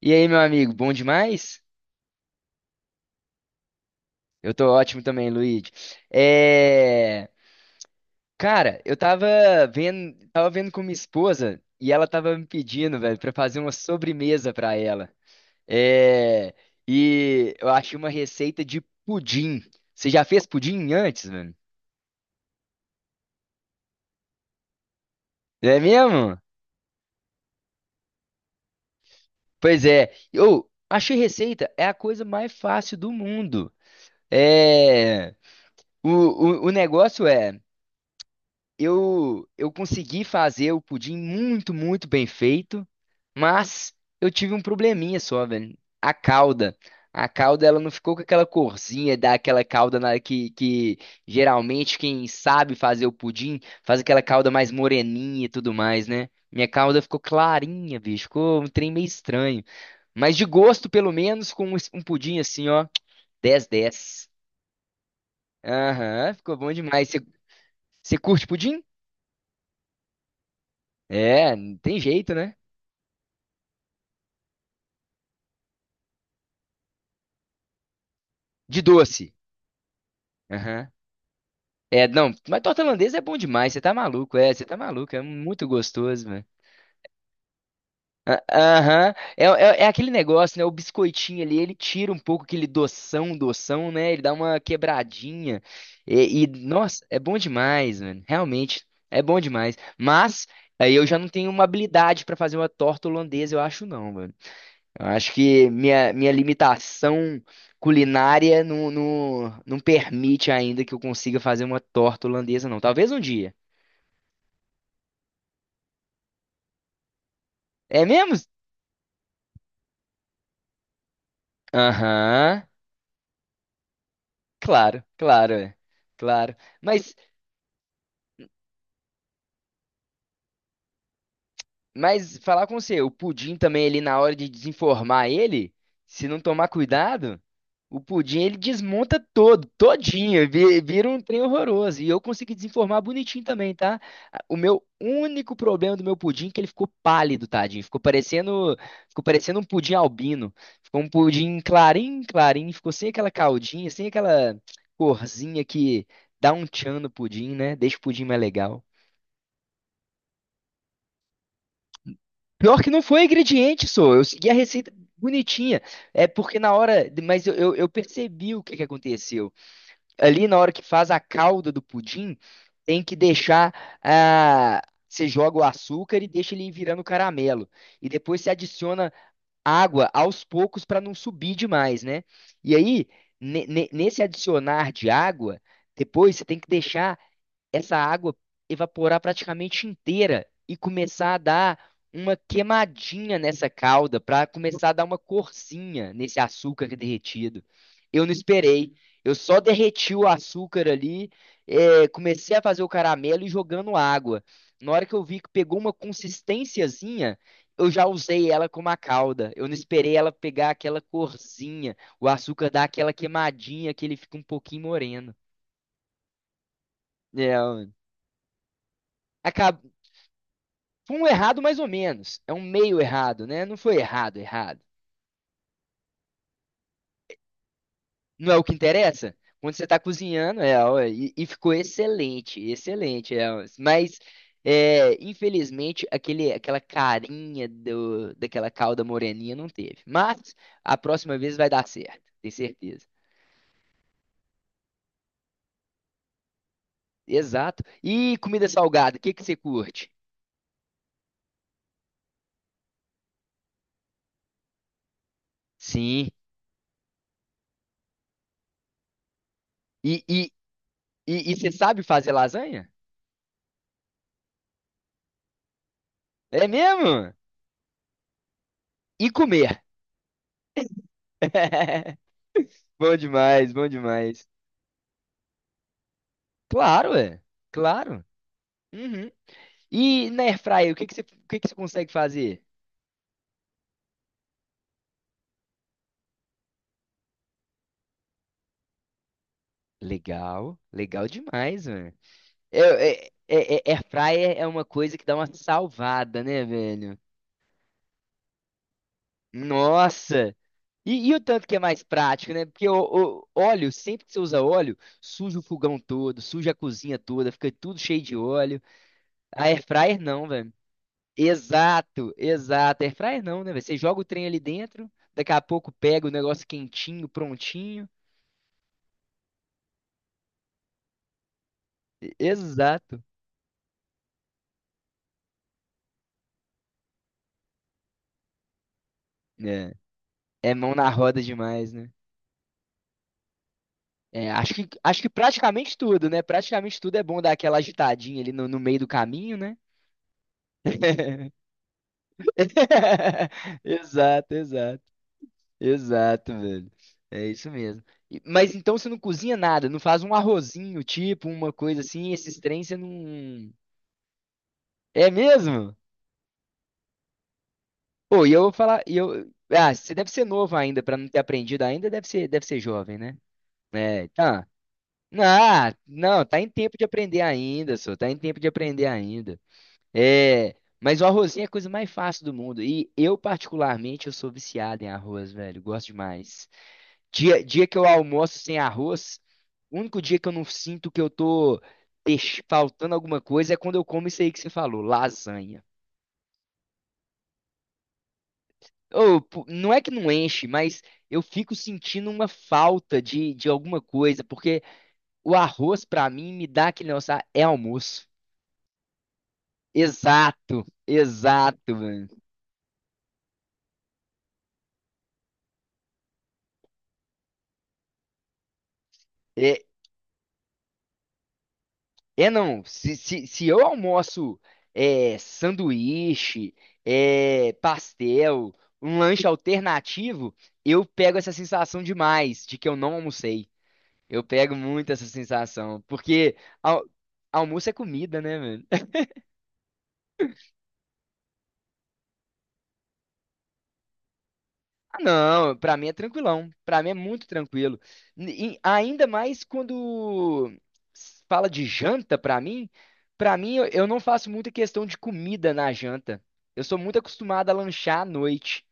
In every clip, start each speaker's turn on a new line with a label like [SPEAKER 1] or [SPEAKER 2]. [SPEAKER 1] E aí, meu amigo, bom demais? Eu tô ótimo também, Luigi. É... Cara, tava vendo com minha esposa e ela tava me pedindo, velho, pra fazer uma sobremesa pra ela. É... E eu achei uma receita de pudim. Você já fez pudim antes, velho? É mesmo? Pois é. Eu achei receita é a coisa mais fácil do mundo. É... o negócio é eu consegui fazer o pudim muito, muito bem feito, mas eu tive um probleminha só, velho. A calda. A calda, ela não ficou com aquela corzinha daquela calda que geralmente quem sabe fazer o pudim faz aquela calda mais moreninha e tudo mais, né? Minha calda ficou clarinha, bicho. Ficou um trem meio estranho. Mas de gosto, pelo menos, com um pudim assim, ó, dez, dez. Aham, ficou bom demais. Você curte pudim? É, não tem jeito, né? De doce. Aham. É, não, mas torta holandesa é bom demais, você tá maluco, é, você tá maluco, é muito gostoso, velho. Ah, aham, é, é, é aquele negócio, né, o biscoitinho ali, ele tira um pouco aquele doção, doção, né, ele dá uma quebradinha, nossa, é bom demais, mano, realmente, é bom demais, mas aí eu já não tenho uma habilidade pra fazer uma torta holandesa, eu acho não, mano. Eu acho que minha limitação culinária não permite ainda que eu consiga fazer uma torta holandesa, não. Talvez um dia. É mesmo? Aham, claro, claro, é, claro. Mas Mas falar com você, o pudim também ali na hora de desenformar ele, se não tomar cuidado, o pudim ele desmonta todo, todinho, vira um trem horroroso. E eu consegui desenformar bonitinho também, tá? O meu único problema do meu pudim é que ele ficou pálido, tadinho. Ficou parecendo um pudim albino. Ficou um pudim clarinho, clarinho, ficou sem aquela caldinha, sem aquela corzinha que dá um tchan no pudim, né? Deixa o pudim mais legal. Pior que não foi ingrediente, só. Eu segui a receita bonitinha. É porque na hora. Mas eu percebi o que que aconteceu. Ali na hora que faz a calda do pudim, tem que deixar. Ah, você joga o açúcar e deixa ele ir virando caramelo. E depois você adiciona água aos poucos para não subir demais, né? E aí, nesse adicionar de água, depois você tem que deixar essa água evaporar praticamente inteira e começar a dar uma queimadinha nessa calda, para começar a dar uma corzinha nesse açúcar derretido. Eu não esperei. Eu só derreti o açúcar ali, comecei a fazer o caramelo e jogando água. Na hora que eu vi que pegou uma consistênciazinha, eu já usei ela como a calda. Eu não esperei ela pegar aquela corzinha, o açúcar dar aquela queimadinha que ele fica um pouquinho moreno. É, acab- Foi um errado mais ou menos. É um meio errado, né? Não foi errado, errado. Não é o que interessa? Quando você está cozinhando, é, ó, e ficou excelente, excelente. É, ó. Mas, é, infelizmente, aquela carinha do, daquela calda moreninha não teve. Mas a próxima vez vai dar certo, tenho certeza. Exato. E comida salgada, o que que você curte? Sim. E, e, e você sabe fazer lasanha? É mesmo? E comer. Bom demais, bom demais. Claro, é. Claro. Uhum. E na Airfryer, o que que você consegue fazer? Legal, legal demais, mano. É, é, Airfryer é uma coisa que dá uma salvada, né, velho? Nossa! E o tanto que é mais prático, né? Porque o óleo, sempre que você usa óleo, suja o fogão todo, suja a cozinha toda, fica tudo cheio de óleo. A Airfryer não, velho. Exato, exato. Airfryer não, né, velho? Você joga o trem ali dentro, daqui a pouco pega o negócio quentinho, prontinho. Exato. É, é mão na roda demais, né? É, acho que praticamente tudo, né? Praticamente tudo é bom dar aquela agitadinha ali no meio do caminho, né? Exato, exato. Exato, velho. É isso mesmo. Mas então você não cozinha nada, não faz um arrozinho, tipo, uma coisa assim, esses trem você não. É mesmo? Pô, e eu vou falar, e eu, ah, você deve ser novo ainda pra não ter aprendido ainda, deve ser jovem, né? É, tá. Ah, não, tá em tempo de aprender ainda. É, mas o arrozinho é a coisa mais fácil do mundo. E eu, particularmente, eu sou viciado em arroz, velho, gosto demais. Dia que eu almoço sem arroz, o único dia que eu não sinto que eu tô faltando alguma coisa é quando eu como isso aí que você falou, lasanha. Não é que não enche, mas eu fico sentindo uma falta de alguma coisa, porque o arroz, pra mim, me dá aquele negócio, "Ah, é almoço." Exato, exato, mano. É, se eu almoço é, sanduíche, é, pastel, um lanche alternativo, eu pego essa sensação demais de que eu não almocei. Eu pego muito essa sensação, porque al- almoço é comida, né, mano? Ah, não, pra mim é tranquilão. Pra mim é muito tranquilo. E ainda mais quando se fala de janta, pra mim, para mim eu não faço muita questão de comida na janta. Eu sou muito acostumado a lanchar à noite.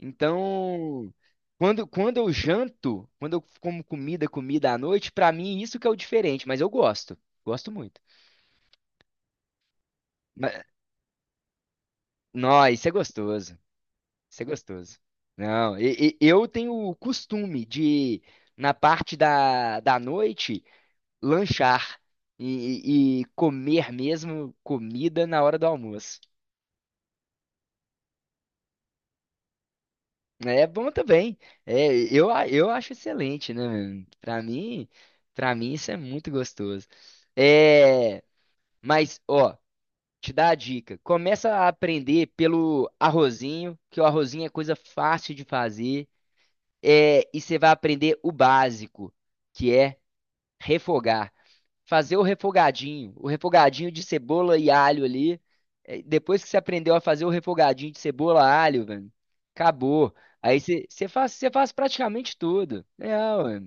[SPEAKER 1] Então, quando eu janto, quando eu como comida, comida à noite, pra mim isso que é o diferente, mas eu gosto. Gosto muito. Mas, nó, isso é gostoso. Isso é gostoso. Não, eu tenho o costume de, na parte da noite, lanchar e comer mesmo comida na hora do almoço. É bom também. É, eu acho excelente, né, mano? Pra mim isso é muito gostoso. É, mas, ó, te dá a dica. Começa a aprender pelo arrozinho, que o arrozinho é coisa fácil de fazer. É, e você vai aprender o básico, que é refogar. Fazer o refogadinho de cebola e alho ali. É, depois que você aprendeu a fazer o refogadinho de cebola e alho, velho, acabou. Aí você faz praticamente tudo. É, ué.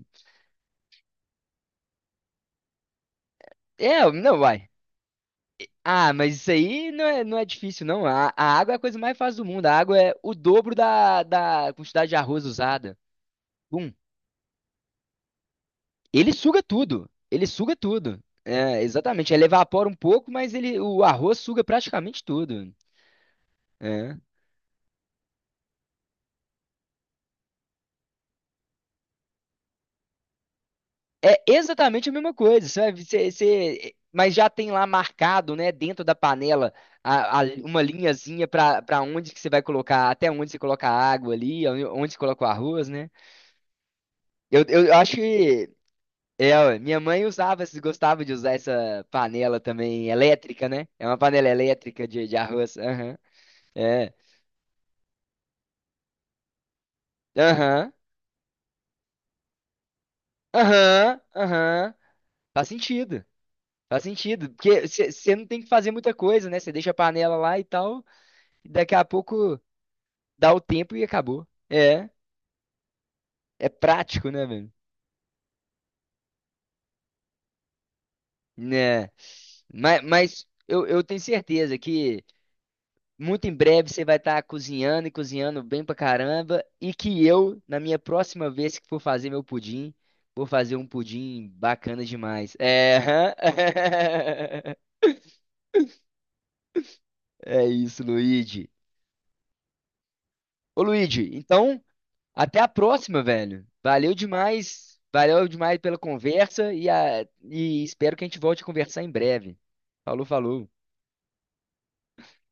[SPEAKER 1] É, não vai. Ah, mas isso aí não é, não é difícil, não. A água é a coisa mais fácil do mundo. A água é o dobro da quantidade de arroz usada. Bum, ele suga tudo. Ele suga tudo. É, exatamente. Ele evapora um pouco, mas ele, o arroz suga praticamente tudo. É. É exatamente a mesma coisa, sabe? Mas já tem lá marcado, né, dentro da panela, uma linhazinha para para onde que você vai colocar, até onde você coloca a água ali, onde onde você coloca o arroz, né? Eu acho que é, ué, minha mãe usava, gostava de usar essa panela também elétrica, né? É uma panela elétrica de arroz. Aham. É. Aham. Aham, aham. Faz sentido. Faz sentido. Porque você não tem que fazer muita coisa, né? Você deixa a panela lá e tal. E daqui a pouco dá o tempo e acabou. É. É prático, né, velho? Né. Mas, eu tenho certeza que muito em breve você vai estar cozinhando e cozinhando bem pra caramba. E que eu, na minha próxima vez que for fazer meu pudim, vou fazer um pudim bacana demais. É. É isso, Luigi. Ô, Luigi, então. Até a próxima, velho. Valeu demais. Valeu demais pela conversa e, e espero que a gente volte a conversar em breve. Falou, falou.